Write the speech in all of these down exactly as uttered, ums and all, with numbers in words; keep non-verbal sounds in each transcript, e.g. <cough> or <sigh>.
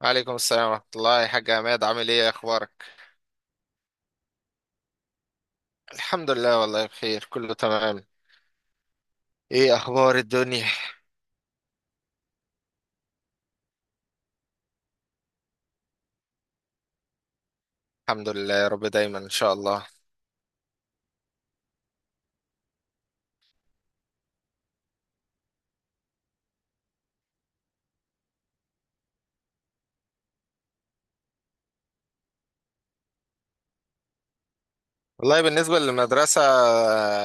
وعليكم السلام ورحمة الله يا حاج عماد، عامل ايه؟ اخبارك؟ الحمد لله، والله بخير، كله تمام. ايه اخبار الدنيا؟ الحمد لله يا رب دايما ان شاء الله. والله بالنسبة للمدرسة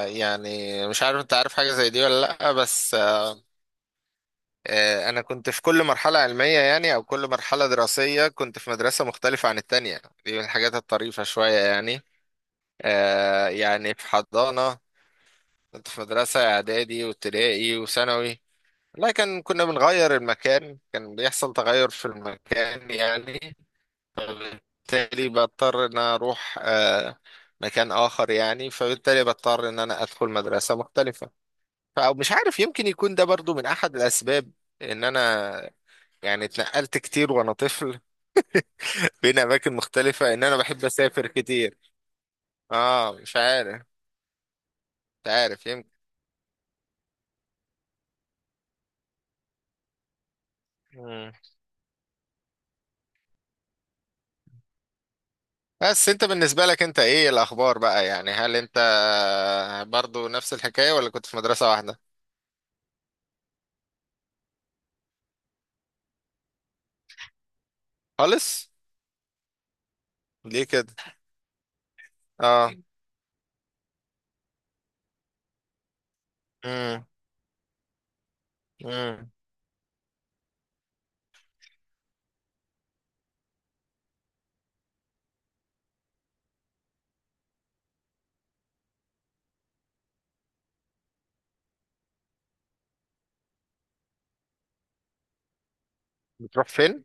يعني، مش عارف انت عارف حاجة زي دي ولا لأ، بس آه، انا كنت في كل مرحلة علمية يعني، او كل مرحلة دراسية كنت في مدرسة مختلفة عن التانية. دي من الحاجات الطريفة شوية يعني. آه، يعني في حضانة، كنت في مدرسة اعدادي وابتدائي وثانوي. والله كان كنا بنغير المكان، كان بيحصل تغير في المكان يعني، فبالتالي بضطر ان أنا اروح آه، مكان اخر يعني، فبالتالي بضطر ان انا ادخل مدرسة مختلفة. فمش عارف، يمكن يكون ده برضو من احد الاسباب، ان انا يعني اتنقلت كتير وانا طفل <laughs> بين اماكن مختلفة. ان انا بحب اسافر كتير. اه مش عارف. مش عارف، يمكن. بس انت بالنسبة لك انت ايه الاخبار بقى يعني؟ هل انت برضو نفس الحكاية ولا كنت في مدرسة واحدة؟ خالص؟ ليه كده؟ اه. امم. امم. بتروح فين؟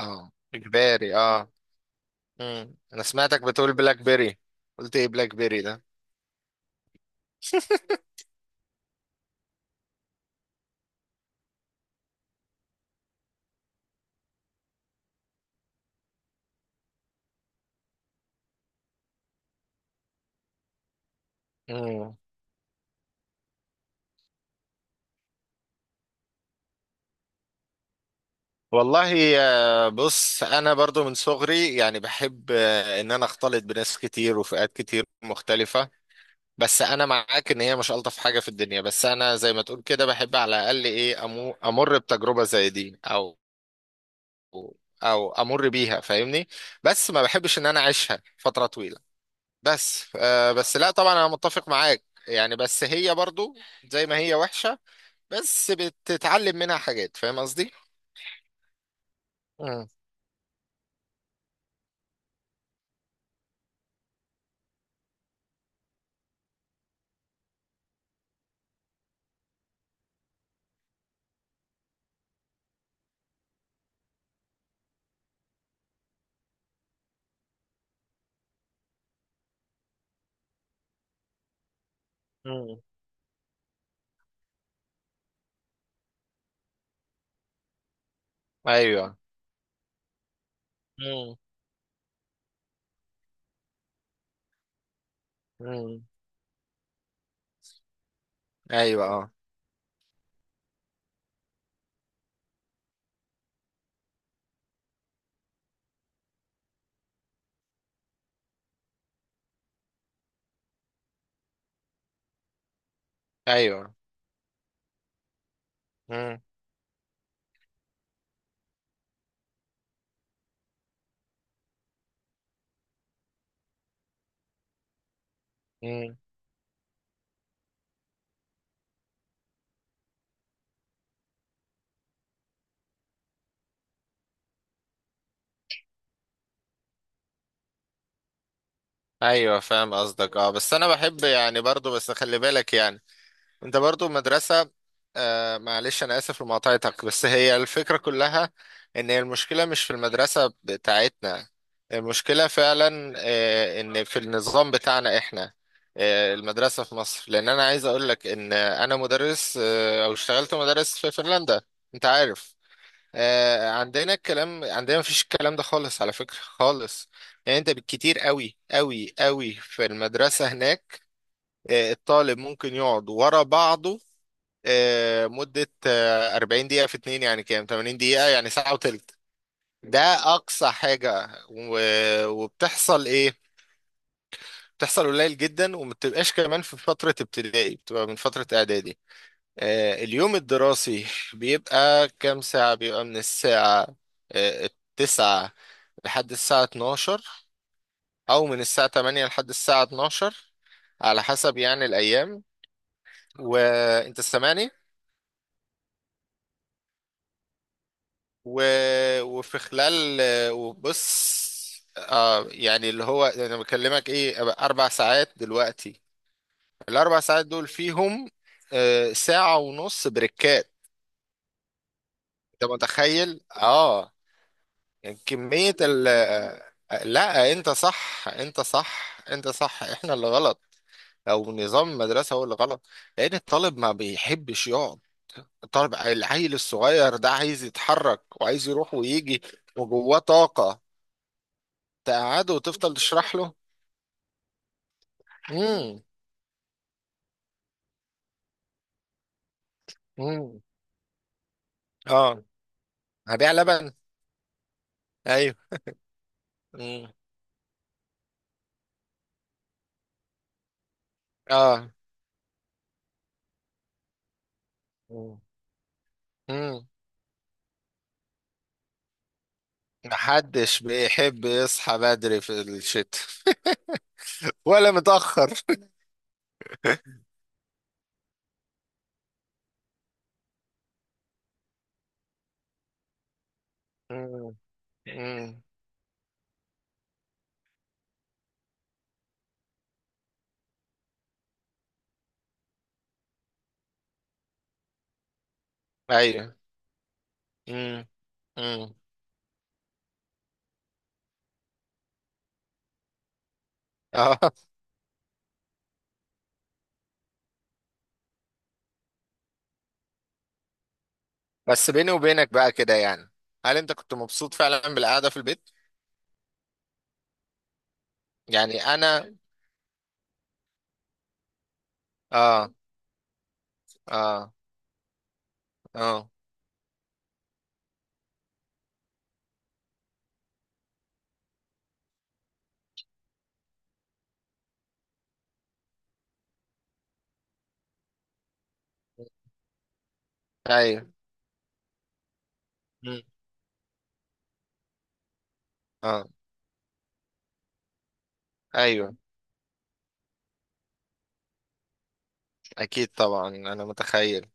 اه اجباري اه. امم، انا سمعتك بتقول بلاك بيري، قلت ايه بلاك بيري ده؟ <laughs> مم. والله آه، بص، انا برضو من صغري يعني بحب آه، ان انا اختلط بناس كتير وفئات كتير مختلفة. بس انا معاك ان هي مش الطف حاجه في الدنيا، بس انا زي ما تقول كده بحب على الاقل ايه، أمو- امر بتجربه زي دي، او او امر بيها، فاهمني. بس ما بحبش ان انا اعيشها فتره طويله. بس آه، بس لا طبعا انا متفق معاك يعني، بس هي برضو زي ما هي وحشه، بس بتتعلم منها حاجات، فاهم قصدي؟ مم. مم. ايوه. مم. مم. ايوه. اه. ايوه. مم. مم. ايوه، فاهم قصدك اه. بس انا بحب يعني برضو، بس خلي بالك يعني، انت برضو مدرسة. آه، معلش انا اسف لمقاطعتك، بس هي الفكرة كلها ان هي المشكلة مش في المدرسة بتاعتنا، المشكلة فعلا آه، ان في النظام بتاعنا احنا، آه، المدرسة في مصر، لان انا عايز اقول لك ان انا مدرس، آه، او اشتغلت مدرس في فنلندا. انت عارف، آه، عندنا الكلام، عندنا مفيش الكلام ده خالص على فكرة، خالص. يعني انت بالكتير قوي قوي قوي في المدرسة هناك، آه، الطالب ممكن يقعد ورا بعضه آه، مدة آه، أربعين دقيقة في اتنين، يعني كام؟ تمانين دقيقة، يعني ساعة وتلت. ده أقصى حاجة، و- وبتحصل إيه؟ بتحصل قليل جدا، وما بتبقاش كمان في فترة ابتدائي، بتبقى من فترة إعدادي. آه، اليوم الدراسي بيبقى كام ساعة؟ بيبقى من الساعة آه، التسعة لحد الساعة الثانية عشر، أو من الساعة تمانية لحد الساعة الثانية عشر، على حسب يعني الأيام. وأنت سامعني؟ و... وفي خلال، وبص، آه، يعني اللي هو انا بكلمك ايه، أبقى اربع ساعات دلوقتي، الاربع ساعات دول فيهم آه ساعة ونص بريكات، انت متخيل؟ اه، يعني كمية ال آه، لا انت صح، انت صح، انت صح، احنا اللي غلط، او نظام المدرسة هو اللي غلط. لان الطالب ما بيحبش يقعد، الطالب العيل الصغير ده عايز يتحرك وعايز يروح ويجي، وجواه طاقة، تقعده وتفضل تشرح له. امم. امم. اه، هبيع لبن. ايوه. امم. اه. امم. محدش بيحب يصحى بدري في الشتاء. <laughs> ولا متأخر. امم. امم. ايوه. امم. امم. اه، بس بيني وبينك بقى كده يعني، هل انت كنت مبسوط فعلا بالقعدة في البيت؟ يعني انا. اه. اه. اه. ايوه. مم. اه. ايوه. اكيد طبعا، انا متخيل.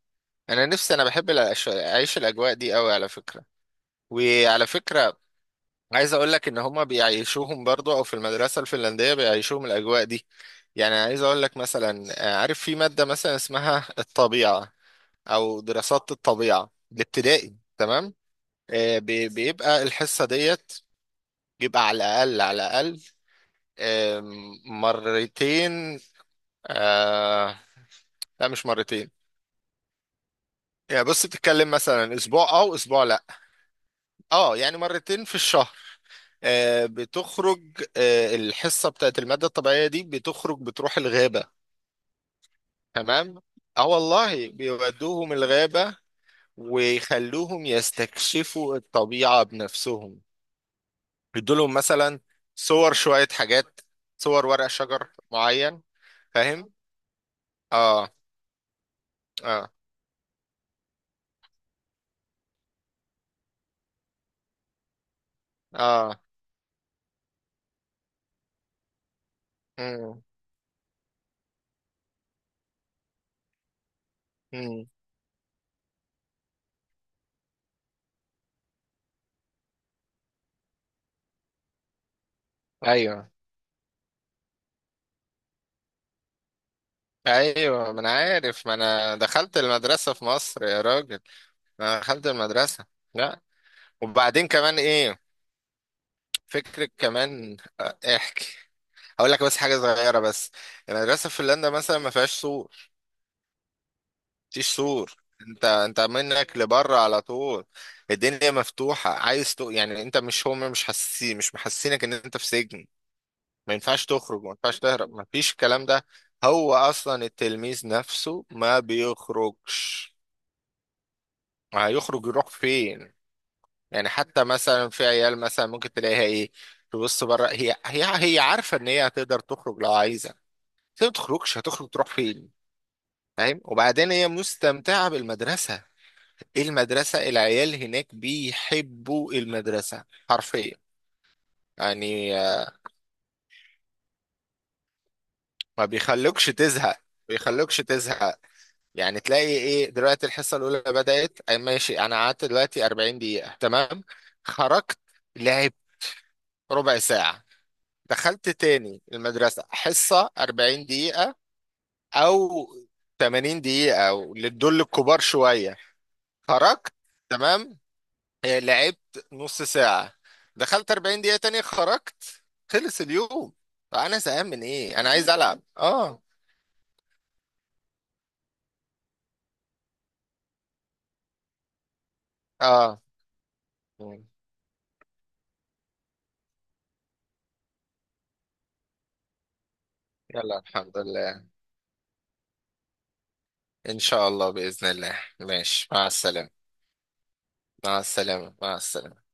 انا نفسي، انا بحب الأش- اعيش الاجواء دي قوي على فكره. وعلى فكره، عايز اقول لك ان هما بيعيشوهم برضو، او في المدرسه الفنلنديه بيعيشوهم الاجواء دي. يعني عايز اقول لك مثلا، آه، عارف في ماده مثلا اسمها الطبيعه، او دراسات الطبيعه الابتدائي، تمام؟ آه، بي- بيبقى الحصه ديت، بيبقى على الاقل على الاقل آم، مرتين، آه، لا مش مرتين، يعني بص بتتكلم مثلا اسبوع او اسبوع لا، اه يعني مرتين في الشهر. آه، بتخرج، آه، الحصة بتاعت المادة الطبيعية دي بتخرج بتروح الغابة، تمام؟ اه والله، بيودوهم الغابة، ويخلوهم يستكشفوا الطبيعة بنفسهم. يدولهم مثلا صور شوية حاجات، صور ورق شجر معين، فاهم؟ اه. اه. اه. مم. مم. ايوه. ايوه، ما انا عارف، ما انا دخلت المدرسة في مصر يا راجل، ما انا دخلت المدرسة، لا. وبعدين كمان ايه فكرة كمان، آه، احكي. هقول لك بس حاجة صغيرة بس، المدرسة في فنلندا مثلا ما فيهاش سور. مفيش سور، انت انت منك لبره على طول، الدنيا مفتوحة، عايز تو... يعني انت مش، هم مش حاسين، مش محسينك ان انت في سجن، ما ينفعش تخرج، ما ينفعش تهرب، ما فيش الكلام ده. هو اصلا التلميذ نفسه ما بيخرجش، هيخرج يروح فين؟ يعني حتى مثلا في عيال مثلا ممكن تلاقيها ايه، تبص بره، هي هي هي عارفه ان هي هتقدر تخرج لو عايزه، بس هي ما تخرجش، هتخرج تروح فين؟ فاهم؟ وبعدين هي مستمتعه بالمدرسه. إيه المدرسه، العيال هناك بيحبوا المدرسه حرفيا. يعني آه، ما بيخلوكش تزهق ما بيخلوكش تزهق. يعني تلاقي ايه دلوقتي، الحصه الاولى بدات، أي ماشي، انا قعدت دلوقتي أربعين دقيقه، تمام، خرجت، لعب ربع ساعه، دخلت تاني المدرسة، حصة أربعين دقيقة أو تمانين دقيقة أو للدول الكبار شوية، خرجت، تمام، آه، لعبت نص ساعة، دخلت أربعين دقيقة تاني، خرجت، خلص اليوم. فأنا زهقان من إيه؟ أنا عايز ألعب. آه. آه يلا الحمد لله. إن شاء الله بإذن الله، ماشي، مع السلامة. مع السلامة. مع السلامة.